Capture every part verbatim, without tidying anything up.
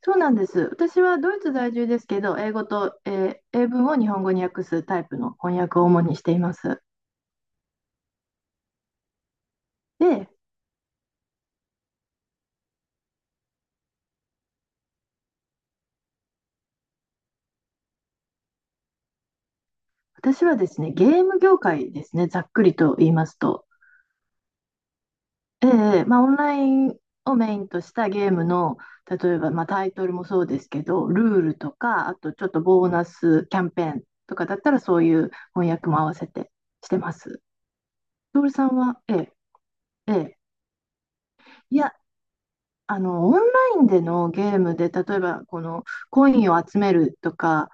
そうなんです。私はドイツ在住ですけど、英語と、えー英文を日本語に訳すタイプの翻訳を主にしています。で、私はですね、ゲーム業界ですね、ざっくりと言いますと。ええ、まあ、オンラインをメインとしたゲームの、例えば、まあ、タイトルもそうですけど、ルールとか、あとちょっとボーナスキャンペーンとかだったら、そういう翻訳も合わせてしてます。トールさんは、ええええいや、あの、オンラインでのゲームで、例えば、この、コインを集めるとか、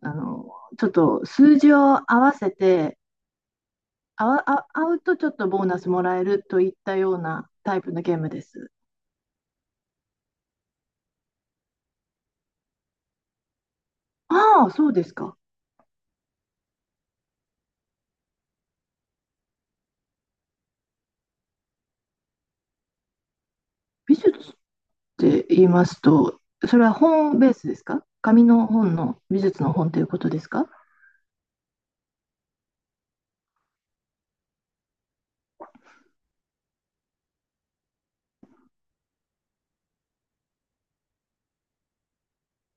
あの、ちょっと数字を合わせて、あわ、あ、合うとちょっとボーナスもらえるといったようなタイプのゲームです。ああ、そうですか。美術って言いますと、それは本ベースですか？紙の本の、美術の本ということですか？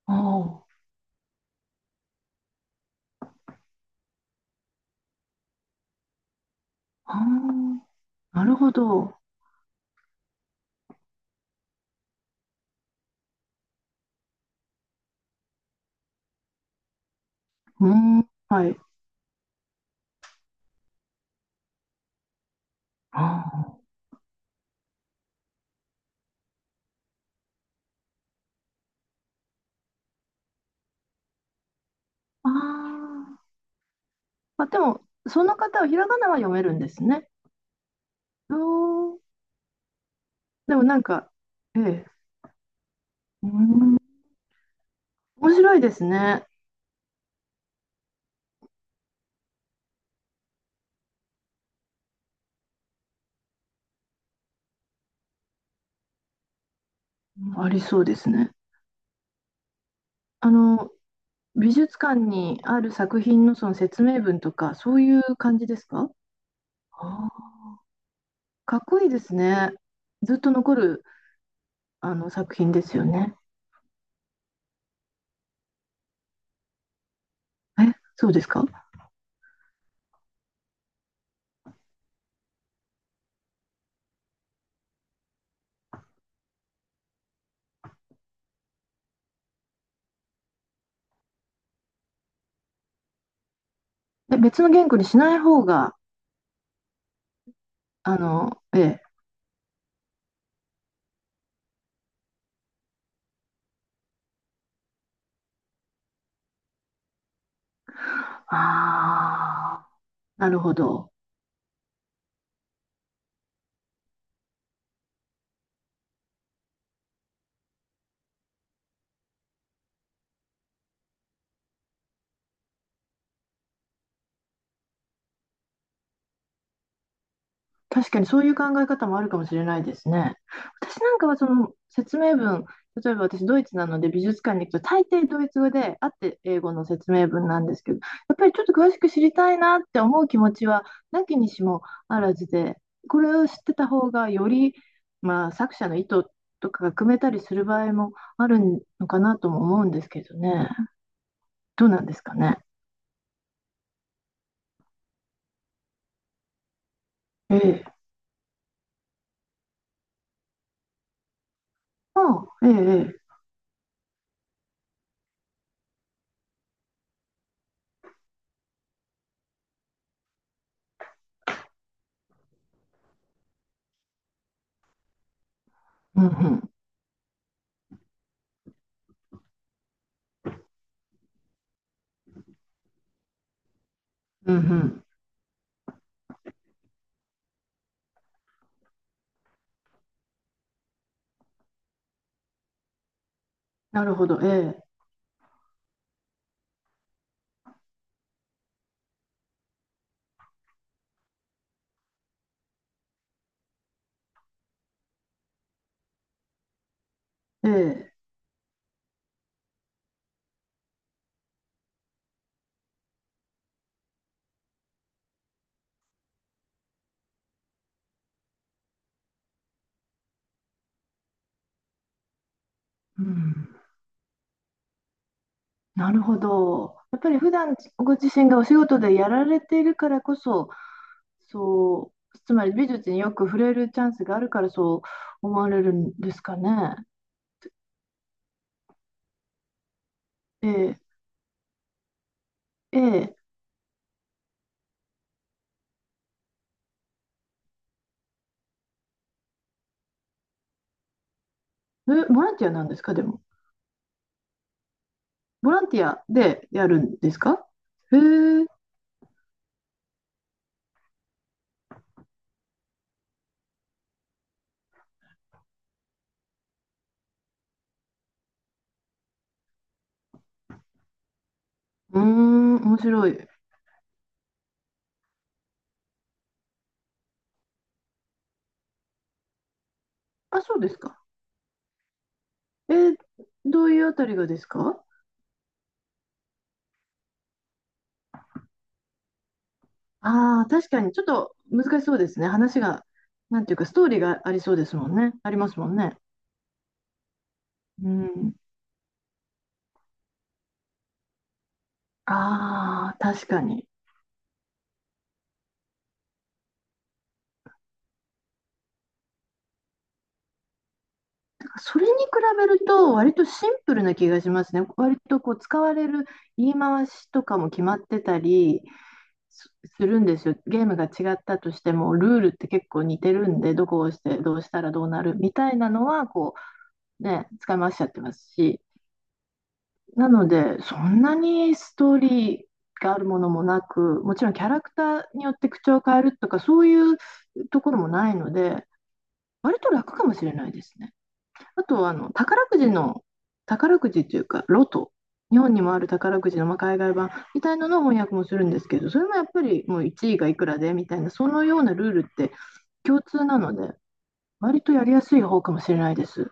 ああ、ああ、なるほど。うーん、はい。ああ、ああ、まあ、でも、その方はひらがなは読めるんですね。あー、でもなんか、ええ、うん、面白いですね。ありそうですね。あの、美術館にある作品のその説明文とか、そういう感じですか？あー、かっこいいですね。ずっと残るあの作品ですよね。え、そうですか？え、別の言語にしない方が、あの、ええ、ああ、なるほど。確かにそういう考え方もあるかもしれないですね。私なんかはその説明文、例えば私ドイツなので美術館に行くと大抵ドイツ語であって英語の説明文なんですけど、やっぱりちょっと詳しく知りたいなって思う気持ちはなきにしもあらずで、これを知ってた方がより、まあ、作者の意図とかが組めたりする場合もあるのかなとも思うんですけどね。どうなんですかね。ええ。ああ、ええ、ええ。うんうん。うんうん。なるほど。ええ。ええ。うん、なるほど。やっぱり普段ご自身がお仕事でやられているからこそ、そう、つまり美術によく触れるチャンスがあるからそう思われるんですかね。ええ、ええ、え、ボランティアなんですか、でも。ボランティアでやるんですか？へえ、うーん、面白い。あ、そうですか。えーどういうあたりがですか？ああー、確かにちょっと難しそうですね。話が、なんていうか、ストーリーがありそうですもんね。ありますもんね。うん、ああ、確かに。だからそれに比べると、割とシンプルな気がしますね。割とこう使われる言い回しとかも決まってたりすするんですよ。ゲームが違ったとしても、ルールって結構似てるんで、どこを押してどうしたらどうなるみたいなのは、こう、ね、使い回しちゃってますし。なので、そんなにストーリーがあるものもなく、もちろんキャラクターによって口調を変えるとか、そういうところもないので、割と楽かもしれないですね。あとはあの宝くじの、宝くじというかロト、日本にもある宝くじの、まあ、海外版みたいなのを翻訳もするんですけど、それもやっぱり、もういちいがいくらでみたいなそのようなルールって共通なので、割とやりやすい方かもしれないです。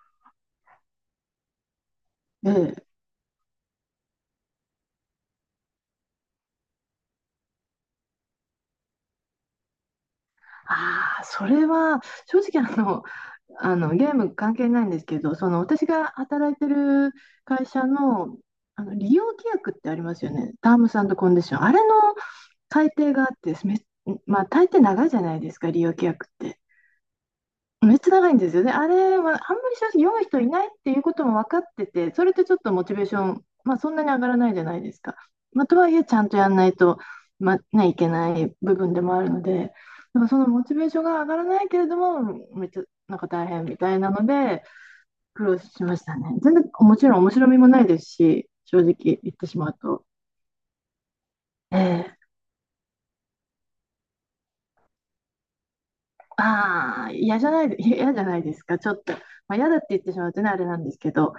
ええ、ああそれは正直あのあのゲーム関係ないんですけど、その私が働いてる会社の、あの利用規約ってありますよね、タームスコンディション、あれの改定があってです、め、まあ、大抵長いじゃないですか、利用規約って。めっちゃ長いんですよね。あれは、あんまり正直読む人いないっていうことも分かってて、それってちょっとモチベーション、まあ、そんなに上がらないじゃないですか。まあ、とはいえ、ちゃんとやんないと、まあ、ね、いけない部分でもあるので、だからそのモチベーションが上がらないけれども、めっちゃなんか大変みたいなので、苦労しましたね。全然、もちろん面白みもないですし、正直言ってしまうと。ええ、ああ、嫌じゃないで、嫌じゃないですか。ちょっと、まあ、嫌だって言ってしまうとね、あれなんですけど、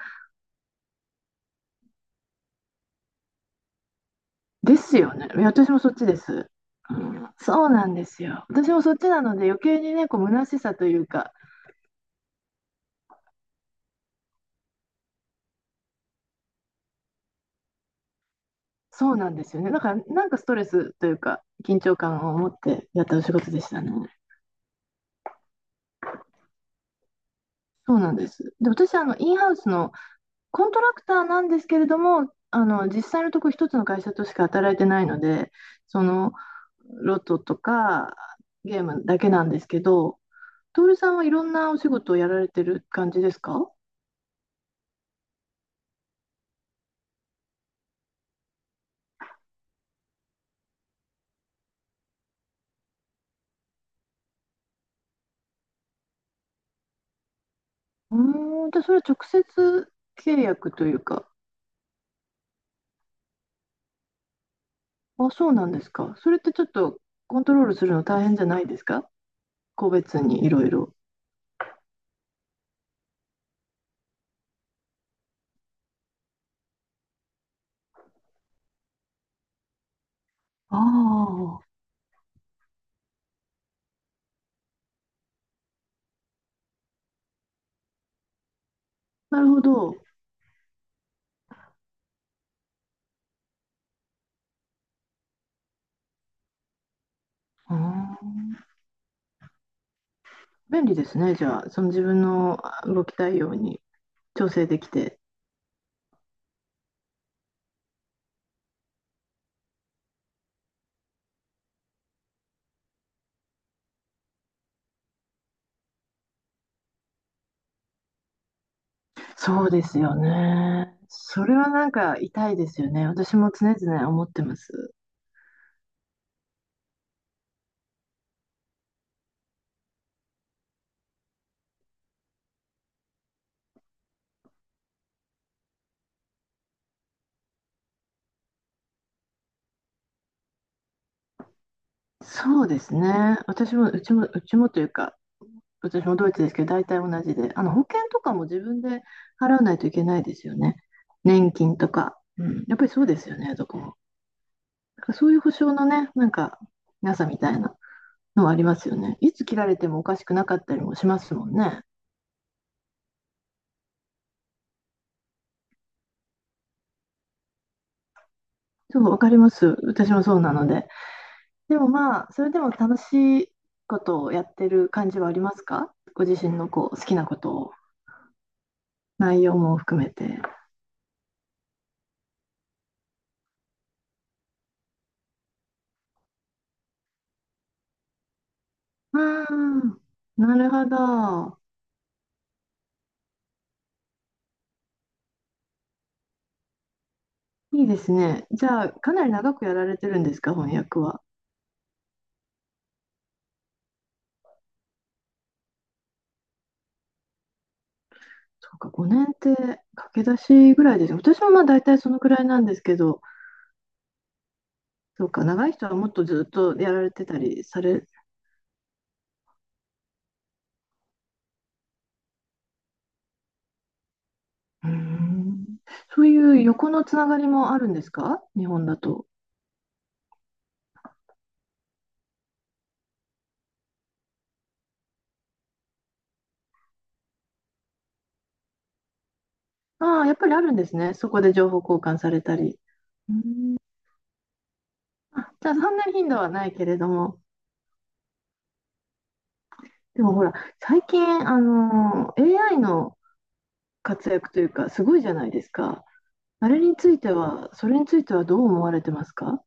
ですよね。いや、私もそっちです。うん、そうなんですよ。私もそっちなので、余計にね、こう、虚しさというか、そうなんですよね。だから、なんかストレスというか、緊張感を持ってやったお仕事でしたね。そうなんです。で、私、あの、インハウスのコントラクターなんですけれども、あの、実際のとこ一つの会社としか働いてないので、その、ロトとか、ゲームだけなんですけど、トールさんはいろんなお仕事をやられてる感じですか？うーん、じゃあそれは直接契約というか、あ、そうなんですか。それってちょっとコントロールするの大変じゃないですか、個別にいろいろ。ああ、なるほど。うーん、便利ですね。じゃあ、その自分のあ動きたいように調整できて。そうですよね。それはなんか痛いですよね。私も常々思ってます。そうですね。私も、うちも、うちもというか、私もドイツですけど、大体同じで、あの保険とかも自分で払わないといけないですよね。年金とか。うん、やっぱりそうですよね、どこも。だからそういう保証のね、なんか、なさみたいなのはありますよね。いつ切られてもおかしくなかったりもしますもんね。そう、わかります。私もそうなので。でもまあ、それでも楽しいことをやってる感じはありますか？ご自身のこう好きなことを、内容も含めて。うん、なるほど。いいですね。じゃあ、かなり長くやられてるんですか、翻訳は。そうか、ごねんって駆け出しぐらいですね。私もまあ大体そのくらいなんですけど、そうか、長い人はもっとずっとやられてたりされ、うーん、そういう横のつながりもあるんですか、日本だと。ああ、やっぱりあるんですね。そこで情報交換されたり。うーん、あ、じゃあ、そんなに頻度はないけれども、でもほら、最近、あの、エーアイ の活躍というか、すごいじゃないですか。あれについては、それについてはどう思われてますか？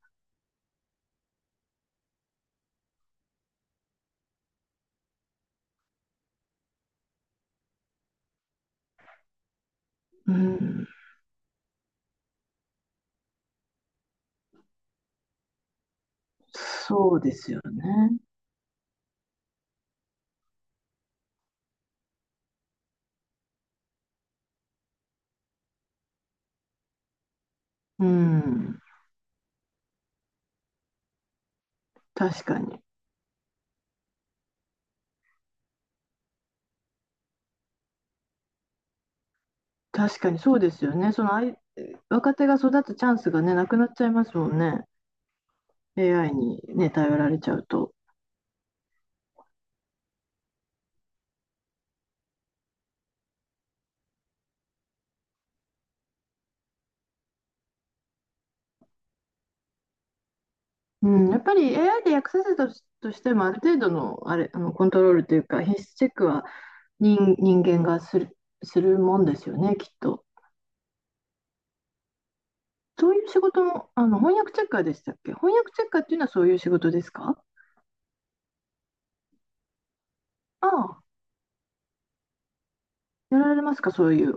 うん、そうですよね。うん、確かに。確かにそうですよね。そのあい若手が育つチャンスがね、なくなっちゃいますもんね。エーアイ にね、頼られちゃうと。うん、やっぱり エーアイ で訳させたとしとしても、ある程度の、あれ、あのコントロールというか、品質チェックは人、人間がする、するもんですよね、きっと。そういう仕事も、あの翻訳チェッカーでしたっけ？翻訳チェッカーっていうのはそういう仕事ですか？ああ、やられますか、そういう